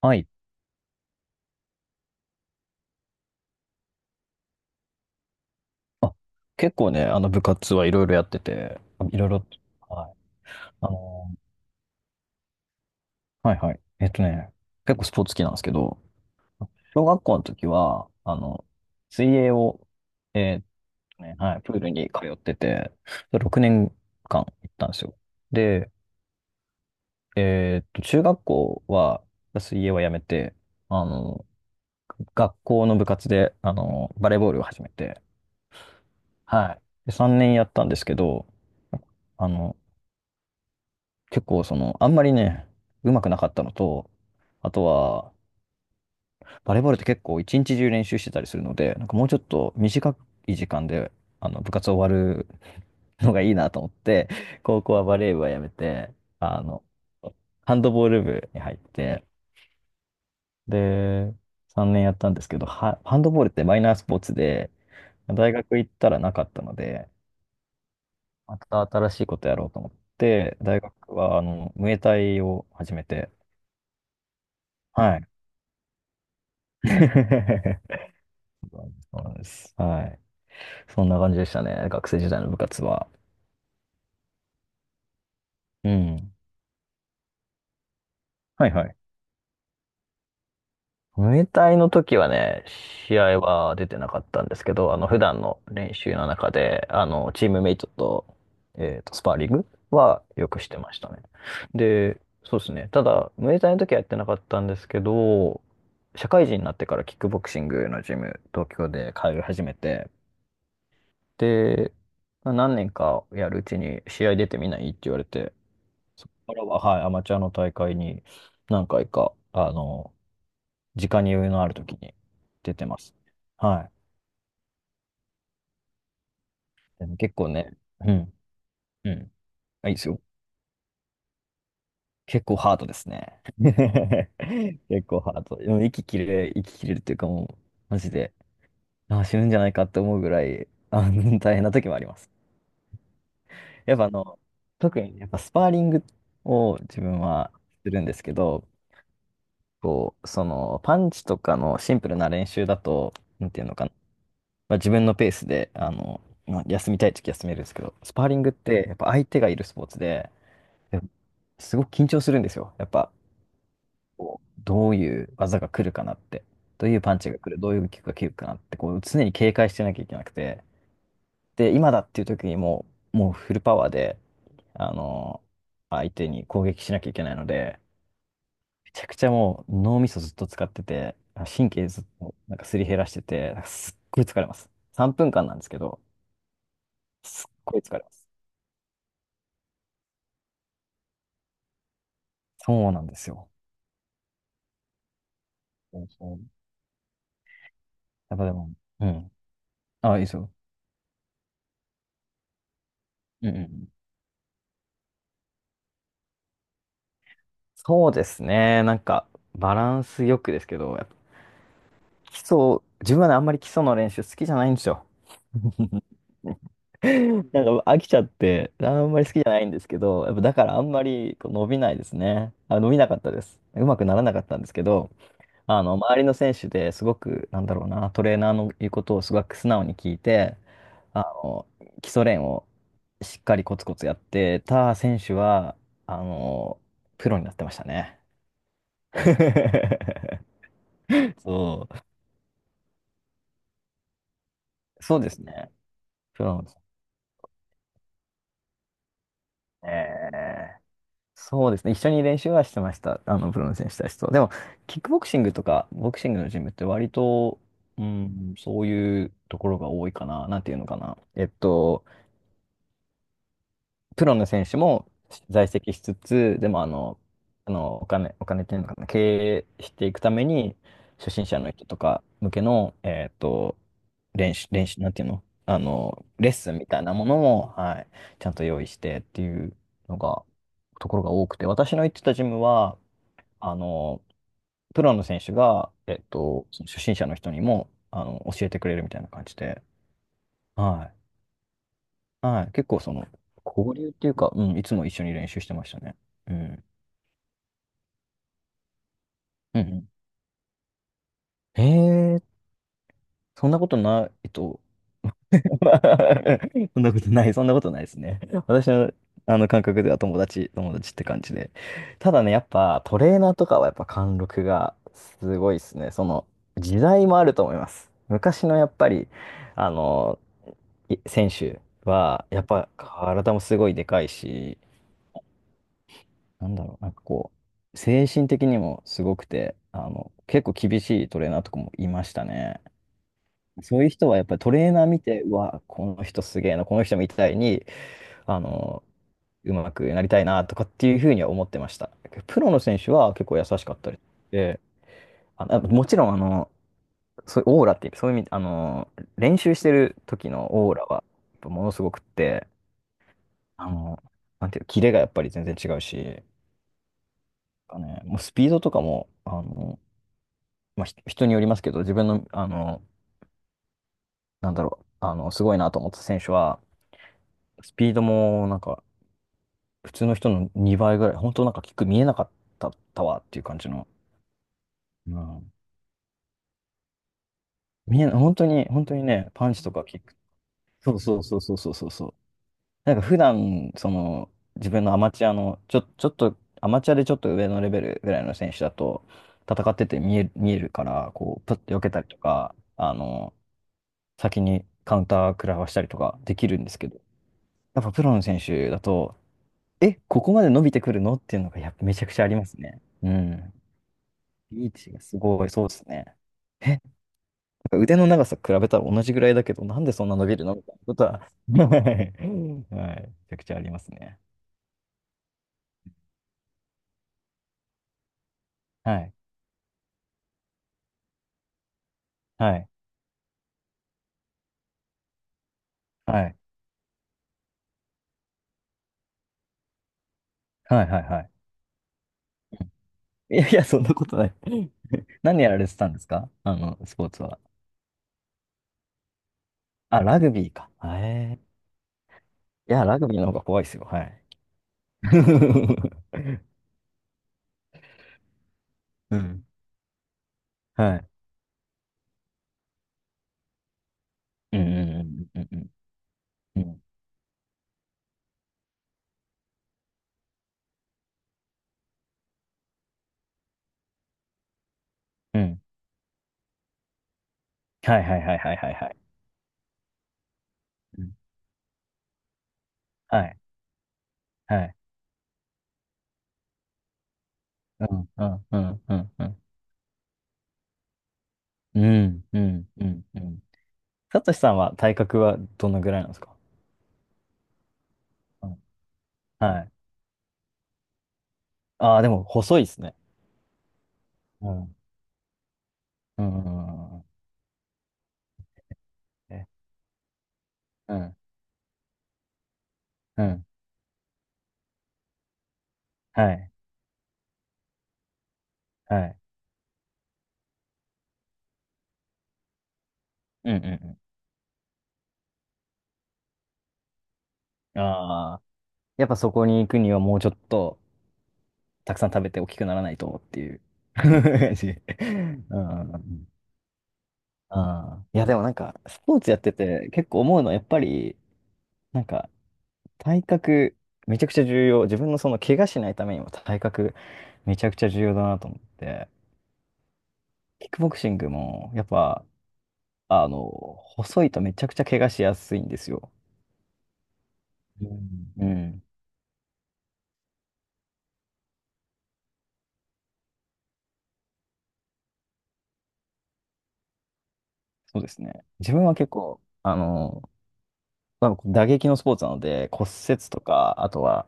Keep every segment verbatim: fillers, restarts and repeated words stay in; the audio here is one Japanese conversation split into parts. はい。あ、結構ね、あの部活はいろいろやってて、いろいろ、はい。あの、はいはい。えっとね、結構スポーツ好きなんですけど、小学校の時は、あの、水泳を、えっとね、はい、プールに通ってて、ろくねんかん行ったんですよ。で、えっと、中学校は、水泳はやめて、あの、学校の部活で、あの、バレーボールを始めて、はい。で、さんねんやったんですけど、あの、結構その、あんまりね、うまくなかったのと、あとは、バレーボールって結構一日中練習してたりするので、なんかもうちょっと短い時間で、あの、部活終わるのがいいなと思って、高校はバレー部はやめて、あの、ハンドボール部に入って、で、さんねんやったんですけど、は、ハンドボールってマイナースポーツで、大学行ったらなかったので、また新しいことやろうと思って、大学は、あの、ムエタイを始めて、はい。そうなんです。はい。そんな感じでしたね。学生時代の部活は。うん。はいはい。ムエタイの時はね、試合は出てなかったんですけど、あの、普段の練習の中で、あの、チームメイトと、えっと、スパーリングはよくしてましたね。で、そうですね。ただ、ムエタイの時はやってなかったんですけど、社会人になってからキックボクシングのジム、東京で通い始めて、で、何年かやるうちに試合出てみないって言われて、そこからは、はい、アマチュアの大会に何回か、あの、時間に余裕のある時に出てます。はい。でも結構ね、うん、うん。あ、いいですよ。結構ハードですね。結構ハード。でも息切れ、息切れるっていうかもう、マジで、あ、死ぬんじゃないかって思うぐらい、あの、大変な時もあります。やっぱあの、特にやっぱスパーリングを自分はするんですけど、こう、その、パンチとかのシンプルな練習だと、なんていうのかな、まあ、自分のペースで、あの、まあ、休みたい時休めるんですけど、スパーリングってやっぱ相手がいるスポーツで、やっぱすごく緊張するんですよ。やっぱ、こうどういう技が来るかなって、どういうパンチが来る、どういうキックが来るかなって、こう常に警戒してなきゃいけなくて、で、今だっていう時にもう、もうフルパワーで、あの、相手に攻撃しなきゃいけないので、めちゃくちゃもう脳みそずっと使ってて、神経ずっとなんかすり減らしてて、なんかすっごい疲れます。さんぷんかんなんですけど、すっごい疲れます。そうなんですよ。そうそうやっぱでも、うん。あ、いいですよ。うんうんうん。そうですね。なんか、バランスよくですけど、やっぱ基礎、自分はね、あんまり基礎の練習好きじゃないんですよ。なんか飽きちゃって、あんまり好きじゃないんですけど、やっぱだからあんまりこう伸びないですね。あ、伸びなかったです。うまくならなかったんですけど、あの、周りの選手ですごく、なんだろうな、トレーナーの言うことをすごく素直に聞いて、あの、基礎練をしっかりコツコツやってた選手は、あの、プロになってましたね。そう、そうですね。プロの、えーそうですね。一緒に練習はしてました。あの、プロの選手たちと。でも、キックボクシングとか、ボクシングのジムって割と、うん、そういうところが多いかな。なんていうのかな。えっと、プロの選手も在籍しつつ、でもあの、あの、お金、お金っていうのかな、経営していくために、初心者の人とか向けの、えっと、練習、練習、なんていうのあの、レッスンみたいなものも、はい、ちゃんと用意してっていうのが、ところが多くて、私の行ってたジムは、あの、プロの選手が、えっと、その初心者の人にも、あの、教えてくれるみたいな感じで、はいはい。結構その、交流っていうか、うん、いつも一緒に練習してましたね。うん。うんうん。えー、そんなことないと。そんなことない、そんなことないですね。私の、あの感覚では友達、友達って感じで。ただね、やっぱトレーナーとかはやっぱ貫禄がすごいですね。その、時代もあると思います。昔のやっぱり、あの、い選手は、やっぱ体もすごいでかいし、なんだろう、なんかこう、精神的にもすごくて、あの、結構厳しいトレーナーとかもいましたね。そういう人はやっぱりトレーナー見て、うわ、この人すげえな、この人みたいに、あの、うまくなりたいなとかっていうふうには思ってました。プロの選手は結構優しかったりで、あの、もちろん、あの、そういうオーラっていう、そういう意味、あの、練習してる時のオーラは、やっぱものすごくって、あの、なんていうキレがやっぱり全然違うし、なんかね、もうスピードとかも、あの、まあ、ひ人によりますけど、自分の、あの、なんだろう、あの、すごいなと思った選手は、スピードも、なんか、普通の人のにばいぐらい、本当なんか、キック見えなかったたわっていう感じの、うん、見えな、本当に、本当にね、パンチとかキック、そうそうそうそうそうそうそう。なんか、普段、その、自分のアマチュアの、ちょ、ちょっと、アマチュアでちょっと上のレベルぐらいの選手だと、戦ってて見える、見えるから、こう、パッと避けたりとか、あの、先にカウンター食らわしたりとかできるんですけど、やっぱプロの選手だと、え、ここまで伸びてくるのっていうのがやっぱめちゃくちゃありますね。うん。リーチがすごい、そうですね。え、なんか腕の長さ比べたら同じぐらいだけど、なんでそんな伸びるのみたいなことは、はい、はいめちゃくちゃありますね。はい、はい、はい、はい、はい、はい。いやいや、そんなことない。何やられてたんですか？あの、スポーツは。あ、ラグビーか。えー、いや、ラグビーの方が怖いですよ。はい。うん。はい。うんうんうんうんうんうん。うんうんはいはいはいはいはいはい。うんはい。はい。うん、うん、うん、うん、うん。うん、うん、うん、うん。さとしさんは体格はどのぐらいなんですか？うん。はい。ああ、でも細いですね。うん。うん、うん、うんうん。えうん、うん。はい。はい。うん、うん、うん。ああ。やっぱそこに行くにはもうちょっとたくさん食べて大きくならないとっていう 感じ。うんうんうん、ああ。いや、でもなんか、スポーツやってて結構思うのは、やっぱり、なんか、体格、めちゃくちゃ重要。自分のその怪我しないためにも体格、めちゃくちゃ重要だなと思って、キックボクシングも、やっぱ、あの、細いとめちゃくちゃ怪我しやすいんですよ。うんうん。そうですね。自分は結構、あの、まあ打撃のスポーツなので、骨折とか、あとは、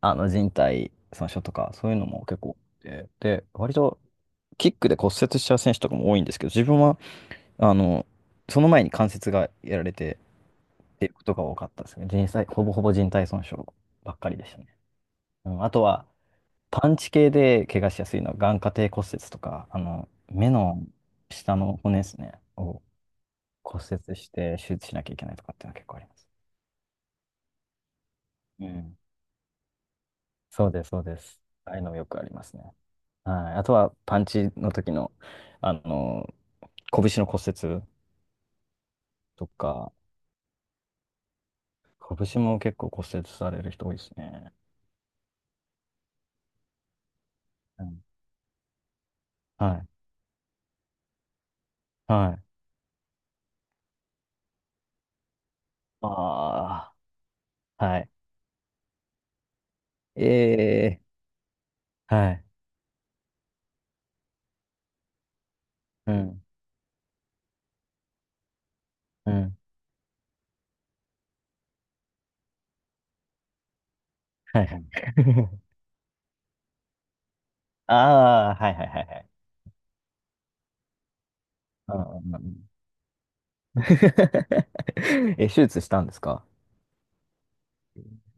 あの、靭帯損傷とか、そういうのも結構多くて、で、割と、キックで骨折しちゃう選手とかも多いんですけど、自分は、あの、その前に関節がやられて、ていうことが多かったですね。人体、ほぼほぼ人体損傷ばっかりでしたね。うん、あとは、パンチ系で怪我しやすいのは眼下底骨折とか、あの、目の下の骨ですね、を骨折して手術しなきゃいけないとかっていうのは結構あります。うん。そうです、そうです。ああいうのもよくありますね。はい。あとは、パンチの時の、あの、拳の骨折とか、拳も結構骨折される人多いですね。うん。はい。はい。ああ、はい。えはい。うん。うん。はいはい。ああ、はいはいはいはい。うんうんうん え、手術したんですか？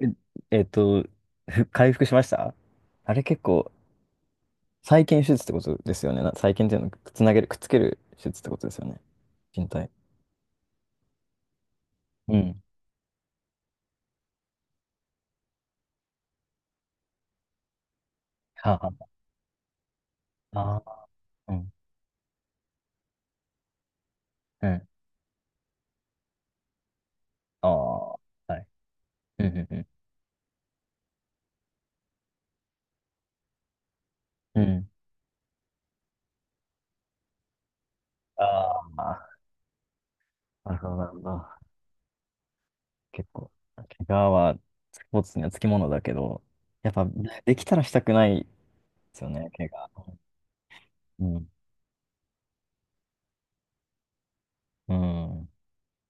え、えっと、ふ回復しました？あれ結構、再建手術ってことですよね。な再建っていうのつなげる、くっつける手術ってことですよね。人体。うん。はあはああ、うん。うん。ああ、はい。うんうんうん。うん。ああ、なるほど、なるほど。結構、怪我はスポーツにはつきものだけど、やっぱできたらしたくないですよね、怪我。うん。うん。